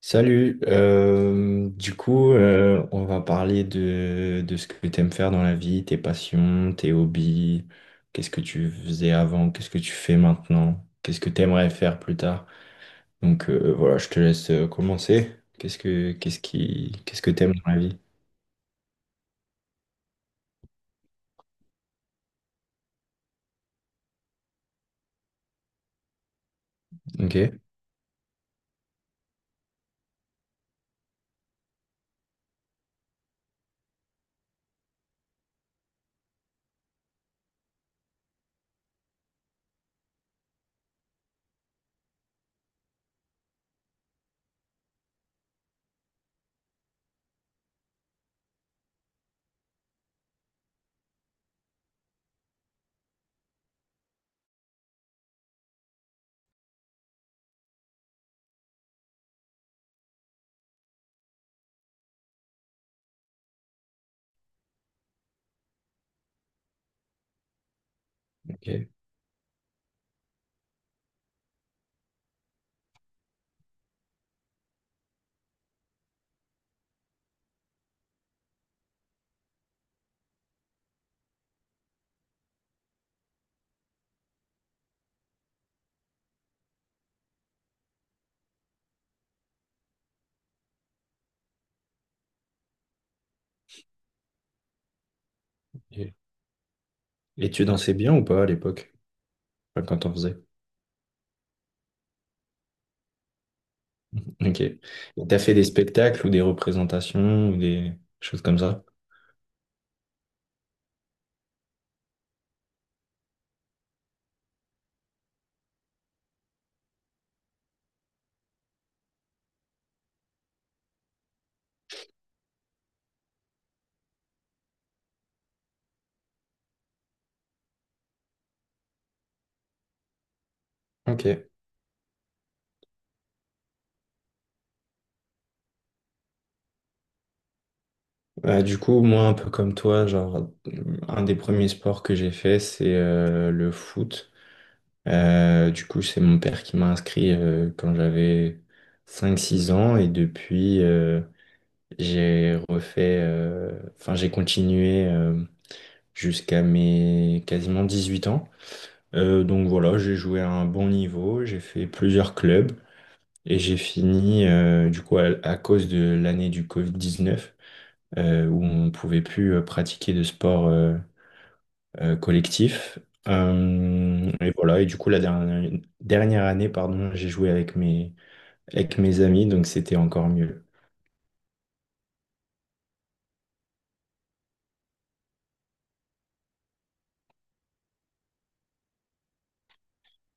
Salut, du coup, on va parler de ce que tu aimes faire dans la vie, tes passions, tes hobbies, qu'est-ce que tu faisais avant, qu'est-ce que tu fais maintenant, qu'est-ce que tu aimerais faire plus tard. Donc voilà, je te laisse commencer. Qu'est-ce que t'aimes dans la vie? Ok, ok. Et et tu dansais bien ou pas à l'époque? Enfin, quand on faisait. Ok. Et t'as fait des spectacles ou des représentations ou des choses comme ça? Ok. Bah, du coup, moi, un peu comme toi, genre, un des premiers sports que j'ai fait, c'est le foot. Du coup, c'est mon père qui m'a inscrit quand j'avais cinq, six ans et depuis, j'ai refait, enfin, j'ai continué jusqu'à mes quasiment 18 ans. Donc voilà, j'ai joué à un bon niveau, j'ai fait plusieurs clubs et j'ai fini, du coup, à cause de l'année du Covid-19 où on ne pouvait plus pratiquer de sport collectif. Et voilà, et du coup, dernière année, pardon, j'ai joué avec mes amis, donc c'était encore mieux.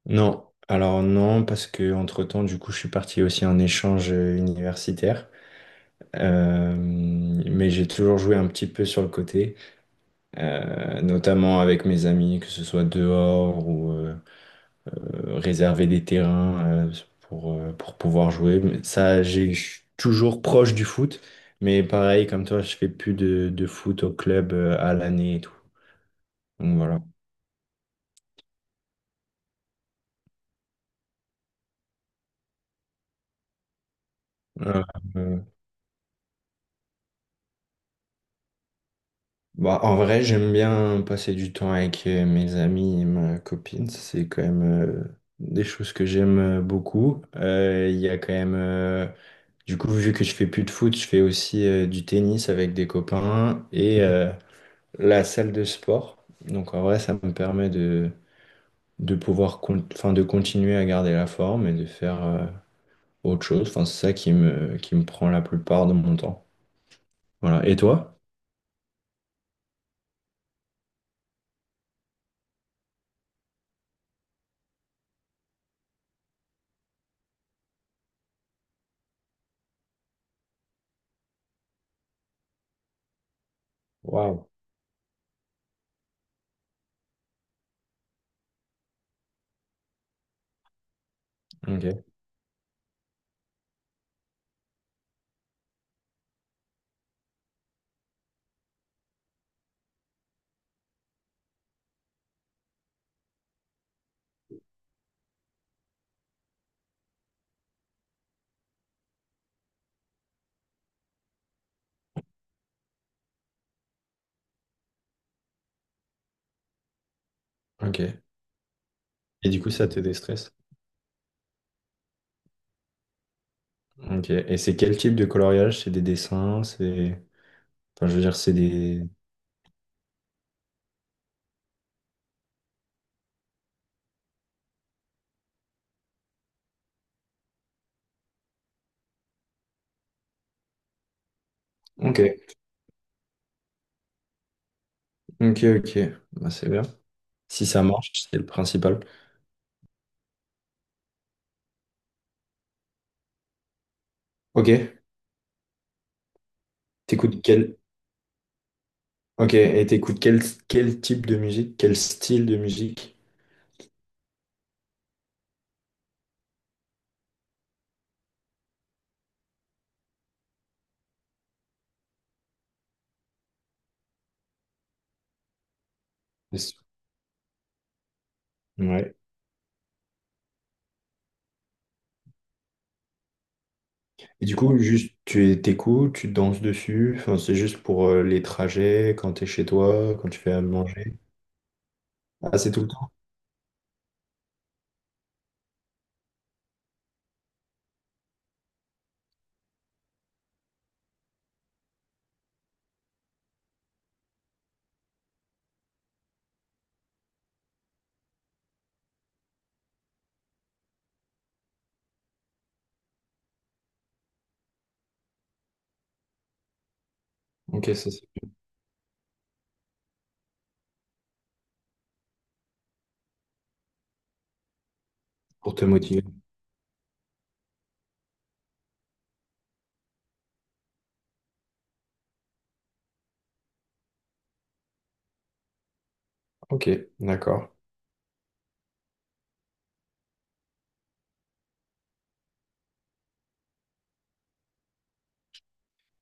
Non, alors non, parce que entre-temps, du coup, je suis parti aussi en échange universitaire. Mais j'ai toujours joué un petit peu sur le côté, notamment avec mes amis, que ce soit dehors ou, réserver des terrains pour pouvoir jouer. Mais ça, j'ai je suis toujours proche du foot, mais pareil, comme toi, je fais plus de foot au club à l'année et tout. Donc voilà. Euh, euh, Bah, en vrai, j'aime bien passer du temps avec mes amis et ma copine. Ça, c'est quand même des choses que j'aime beaucoup. Il y a quand même. Du coup, vu que je fais plus de foot, je fais aussi du tennis avec des copains et la salle de sport. Donc en vrai, ça me permet de pouvoir enfin, de continuer à garder la forme et de faire autre chose. Enfin, c'est ça qui me prend la plupart de mon temps. Voilà. Et toi? Waouh. Ok, ok. Et du coup, ça te déstresse? Ok. Et c'est quel type de coloriage? C'est des dessins? C'est… Enfin, je veux dire, c'est des… Ok, ok, ok. Bah, c'est bien. Si ça marche, c'est le principal. Ok. T'écoutes quel… Ok, et quel type de musique? Quel style de musique? Ouais. Et du coup, juste, tu t'écoutes, tu danses dessus. Enfin, c'est juste pour les trajets, quand t'es chez toi, quand tu fais à manger. Ah, c'est tout le temps? Ok, ça, c'est pour te motiver. Ok, d'accord.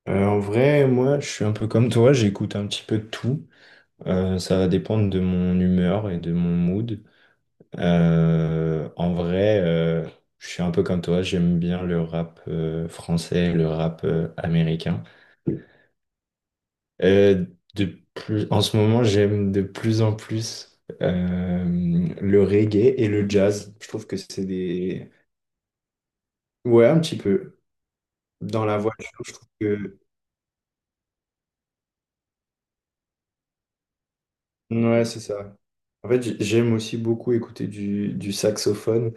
En vrai, moi, je suis un peu comme toi, j'écoute un petit peu de tout. Ça va dépendre de mon humeur et de mon mood. En vrai, je suis un peu comme toi, j'aime bien le rap français, le rap américain. Euh, de plus, en ce moment, j'aime de plus en plus le reggae et le jazz. Je trouve que c'est des… Ouais, un petit peu. Dans la voiture, je trouve que… Ouais, c'est ça. En fait, j'aime aussi beaucoup écouter du saxophone.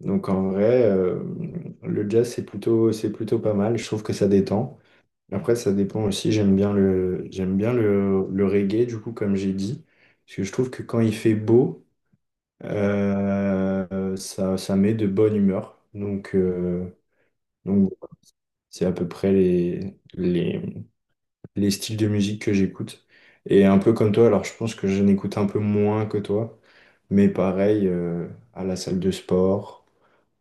Donc en vrai, le jazz, c'est plutôt pas mal. Je trouve que ça détend. Après, ça dépend aussi. J'aime bien le reggae, du coup, comme j'ai dit. Parce que je trouve que quand il fait beau… ça, ça met de bonne humeur. Donc voilà, c'est à peu près les styles de musique que j'écoute. Et un peu comme toi, alors je pense que je n'écoute un peu moins que toi, mais pareil, à la salle de sport,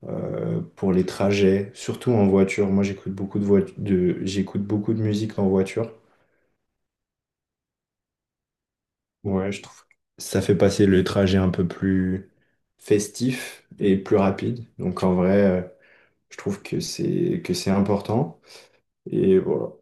pour les trajets, surtout en voiture. Moi, j'écoute beaucoup j'écoute beaucoup de musique en voiture. Ouais, je trouve que ça fait passer le trajet un peu plus festif et plus rapide. Donc en vrai. Je trouve que c'est important. Et voilà.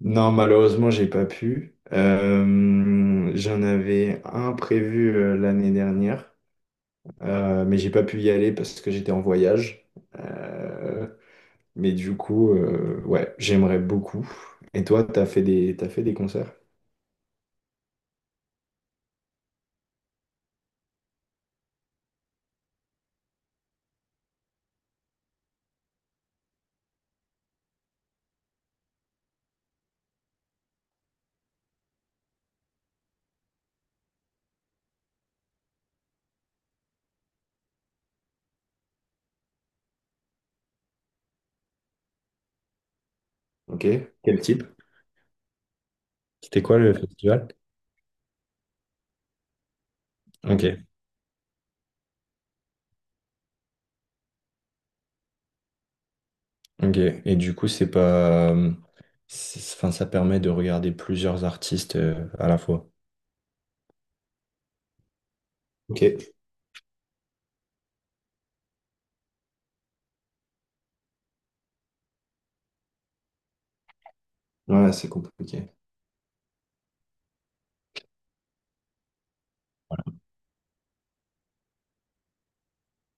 Non, malheureusement, j'ai pas pu. J'en avais un prévu l'année dernière, mais j'ai pas pu y aller parce que j'étais en voyage. Euh, mais du coup, ouais, j'aimerais beaucoup. Et toi, t'as fait des concerts? Ok. Quel type? C'était quoi le festival? Ok, ok. Et du coup, c'est pas, c'est- enfin, ça permet de regarder plusieurs artistes à la fois. Ok. Ouais, c'est compliqué.